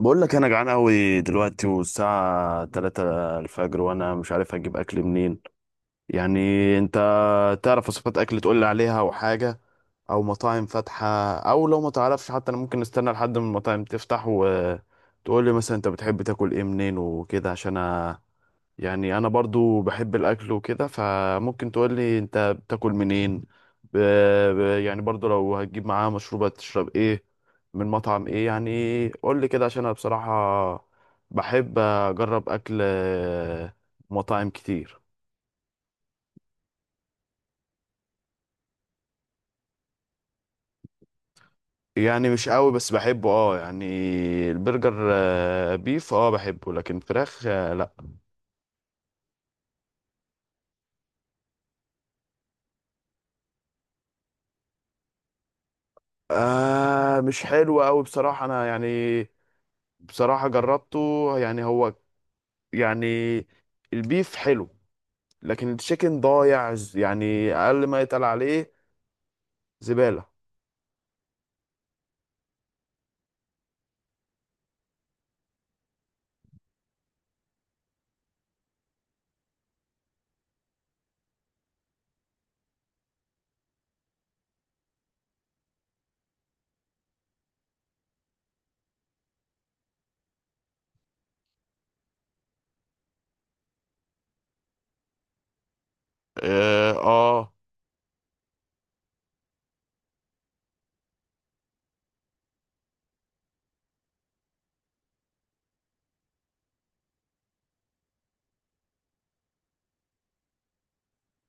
بقول لك انا جعان قوي دلوقتي، والساعه 3 الفجر، وانا مش عارف اجيب اكل منين يعني. انت تعرف وصفات اكل تقول لي عليها او حاجه، او مطاعم فاتحه؟ او لو ما تعرفش، حتى انا ممكن نستنى لحد ما المطاعم تفتح وتقول لي مثلا انت بتحب تاكل ايه منين وكده، عشان يعني انا برضو بحب الاكل وكده، فممكن تقولي انت بتاكل منين. ب... ب... يعني برضو لو هتجيب معاه مشروبات تشرب ايه، من مطعم ايه، يعني قولي كده عشان انا بصراحة بحب اجرب اكل مطاعم كتير. يعني مش قوي بس بحبه اه يعني. البرجر بيف اه بحبه، لكن فراخ لا. آه مش حلو قوي بصراحة انا يعني، بصراحة جربته، يعني هو يعني، البيف حلو، لكن التشيكن ضايع يعني اقل ما يتقال عليه زبالة. اه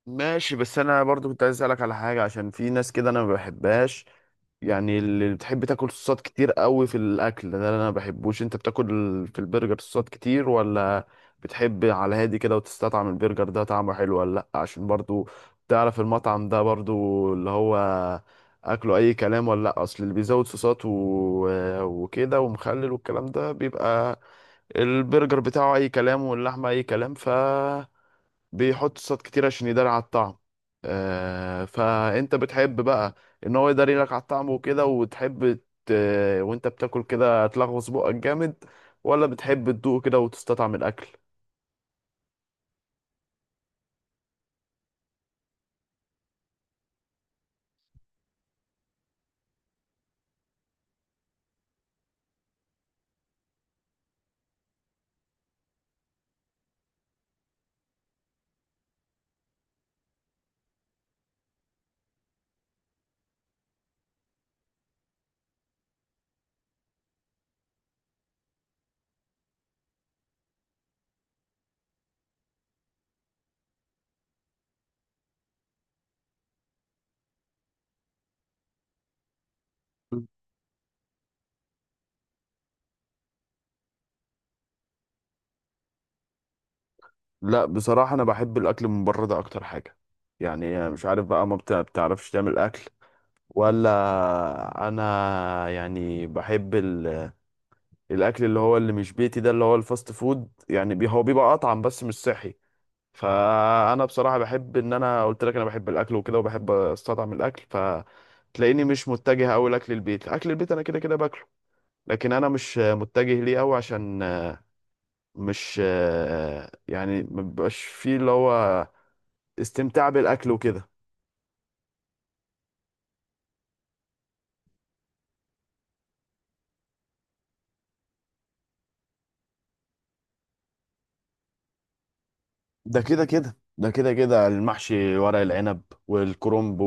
ماشي. بس انا برضو كنت عايز اسالك على حاجة، عشان في ناس كده انا ما بحبهاش، يعني اللي بتحب تاكل صوصات كتير قوي في الاكل ده اللي انا ما بحبوش. انت بتاكل في البرجر صوصات كتير ولا بتحب على هادي كده وتستطعم البرجر، ده طعمه حلو ولا لا؟ عشان برضو تعرف المطعم ده برضو اللي هو اكله اي كلام ولا لا؟ اصل اللي بيزود صوصات وكده ومخلل والكلام ده، بيبقى البرجر بتاعه اي كلام واللحمه اي كلام، ف بيحط صوصات كتير عشان يداري على الطعم. آه فانت بتحب بقى ان هو يداري لك على الطعم وكده، وتحب ت... وانت بتاكل كده تلغوص بقك جامد، ولا بتحب تدوق كده وتستطعم الاكل؟ لا بصراحة أنا بحب الأكل من بره ده أكتر حاجة. يعني مش عارف بقى، ما بتعرفش تعمل أكل ولا؟ أنا يعني بحب الأكل اللي هو اللي مش بيتي، ده اللي هو الفاست فود. يعني هو بيبقى أطعم بس مش صحي. فانا بصراحه بحب، ان انا قلت لك، انا بحب الاكل وكده، وبحب استطعم الاكل، فتلاقيني مش متجه قوي لاكل البيت. اكل البيت انا كده كده باكله، لكن انا مش متجه ليه قوي عشان مش، يعني ما بيبقاش فيه اللي هو استمتاع بالاكل وكده. ده كده كده ده كده كده المحشي، ورق العنب والكرنب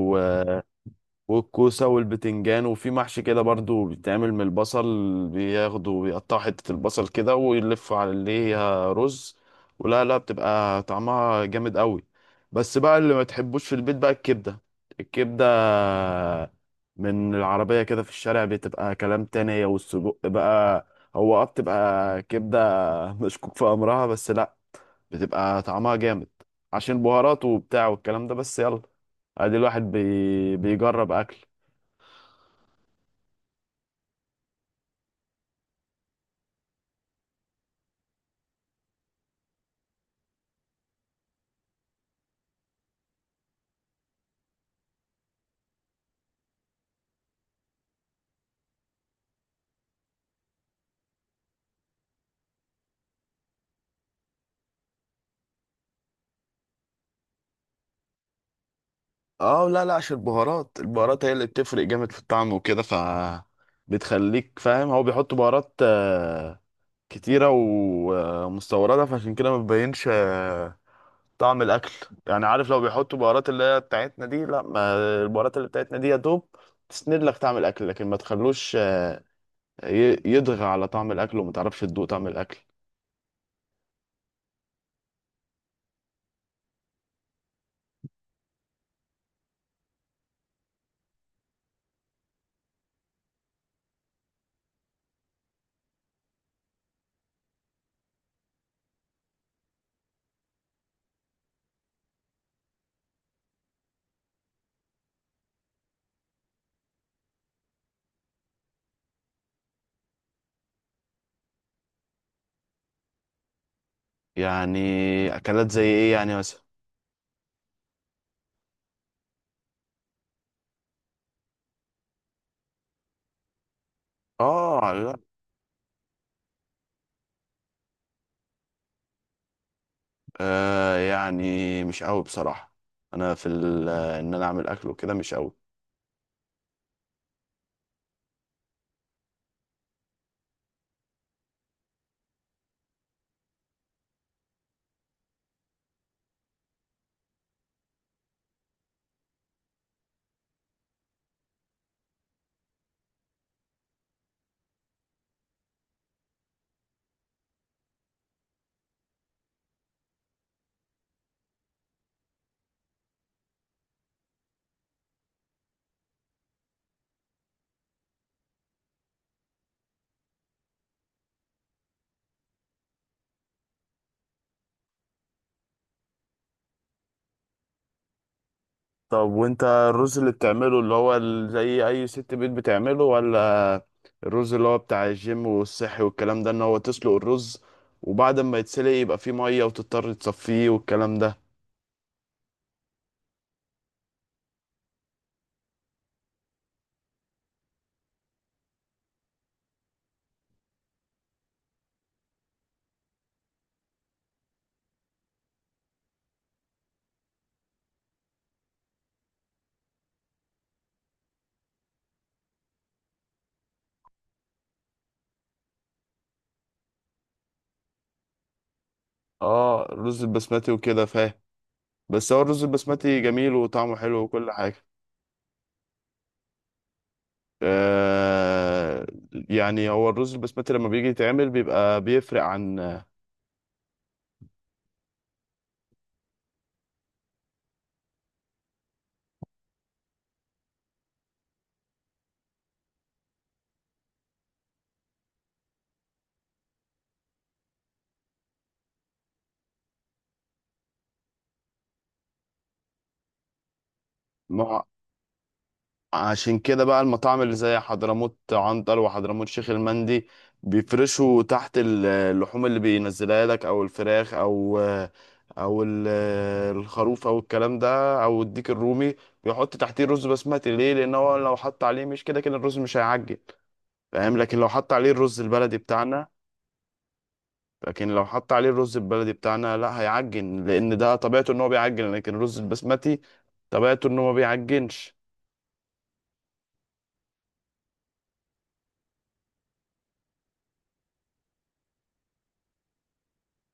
والكوسة والبتنجان، وفي محشي كده برضو بيتعمل من البصل، بياخدوا بيقطعوا حتة البصل كده ويلفوا على اللي هي رز، ولا لا، بتبقى طعمها جامد قوي. بس بقى اللي ما تحبوش في البيت بقى الكبدة. الكبدة من العربية كده في الشارع بتبقى كلام تاني، هي والسجق بقى. هو اه بتبقى كبدة مشكوك في أمرها، بس لا بتبقى طعمها جامد، عشان بهاراته وبتاع والكلام ده. بس يلا، ادي الواحد بيجرب اكل. اه لا لا، عشان البهارات، هي اللي بتفرق جامد في الطعم وكده، ف بتخليك فاهم هو بيحط بهارات كتيرة ومستوردة، فعشان كده ما بيبينش طعم الأكل. يعني عارف، لو بيحطوا بهارات اللي هي بتاعتنا دي، لا، ما البهارات اللي بتاعتنا دي يا دوب تسند لك طعم الأكل، لكن ما تخلوش يضغى على طعم الأكل وما تعرفش تدوق طعم الأكل. يعني أكلات زي إيه يعني مثلا؟ اه لا. آه يعني مش قوي بصراحة. انا في ان انا اعمل اكل وكده مش قوي. طب وانت الرز اللي بتعمله اللي هو زي اي ست بيت بتعمله، ولا الرز اللي هو بتاع الجيم والصحي والكلام ده، ان هو تسلق الرز، وبعد ما يتسلق يبقى فيه مية وتضطر تصفيه والكلام ده؟ اه الرز البسمتي وكده، فاهم. بس هو الرز البسمتي جميل وطعمه حلو وكل حاجة. آه يعني هو الرز البسمتي لما بيجي يتعمل بيبقى بيفرق عن. عشان كده بقى المطاعم اللي زي حضرموت عنتر وحضرموت شيخ المندي، بيفرشوا تحت اللحوم اللي بينزلها لك، او الفراخ، او او الخروف، او الكلام ده، او الديك الرومي، بيحط تحتيه رز بسمتي. ليه؟ لان هو لو حط عليه، مش كده كده الرز مش هيعجن؟ فاهم، لكن لو حط عليه الرز البلدي بتاعنا. لكن لو حط عليه الرز البلدي بتاعنا لا هيعجن، لان ده طبيعته ان هو بيعجن، لكن الرز البسمتي طبيعته ان هو ما بيعجنش.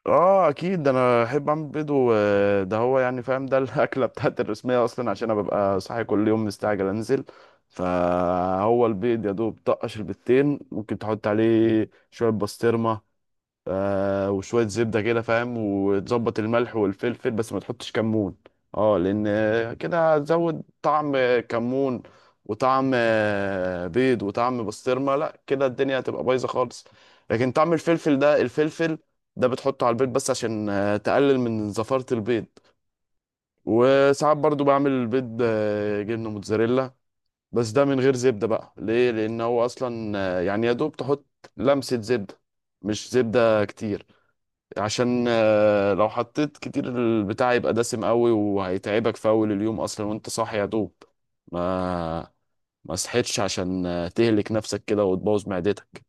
اه اكيد، ده انا احب اعمل بيض، وده هو يعني فاهم ده الاكله بتاعت الرسميه اصلا، عشان انا ببقى صاحي كل يوم مستعجل انزل. فهو البيض يا دوب طقش البيضتين، ممكن تحط عليه شويه بسطرمه، آه وشوية زبدة كده، فاهم، وتظبط الملح والفلفل، بس ما تحطش كمون. اه لأن كده هتزود طعم كمون، وطعم بيض، وطعم بسطرمة، لا كده الدنيا هتبقى بايظة خالص. لكن طعم الفلفل ده، الفلفل ده بتحطه على البيض بس عشان تقلل من زفارة البيض. وساعات برضو بعمل البيض جبنة موتزاريلا، بس ده من غير زبدة بقى. ليه؟ لأن هو أصلا يعني يا دوب تحط لمسة زبدة، مش زبدة كتير، عشان لو حطيت كتير البتاع يبقى دسم قوي وهيتعبك في اول اليوم اصلا، وانت صاحي يا دوب ما ما صحيتش، عشان تهلك نفسك كده وتبوظ معدتك.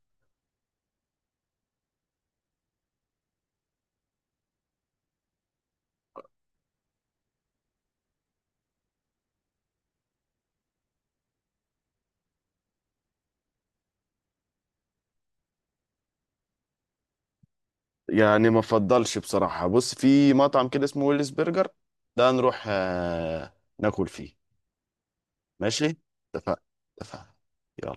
يعني ما افضلش بصراحة. بص في مطعم كده اسمه ويلز برجر، ده نروح ناكل فيه. ماشي، اتفقنا. اتفقنا. يلا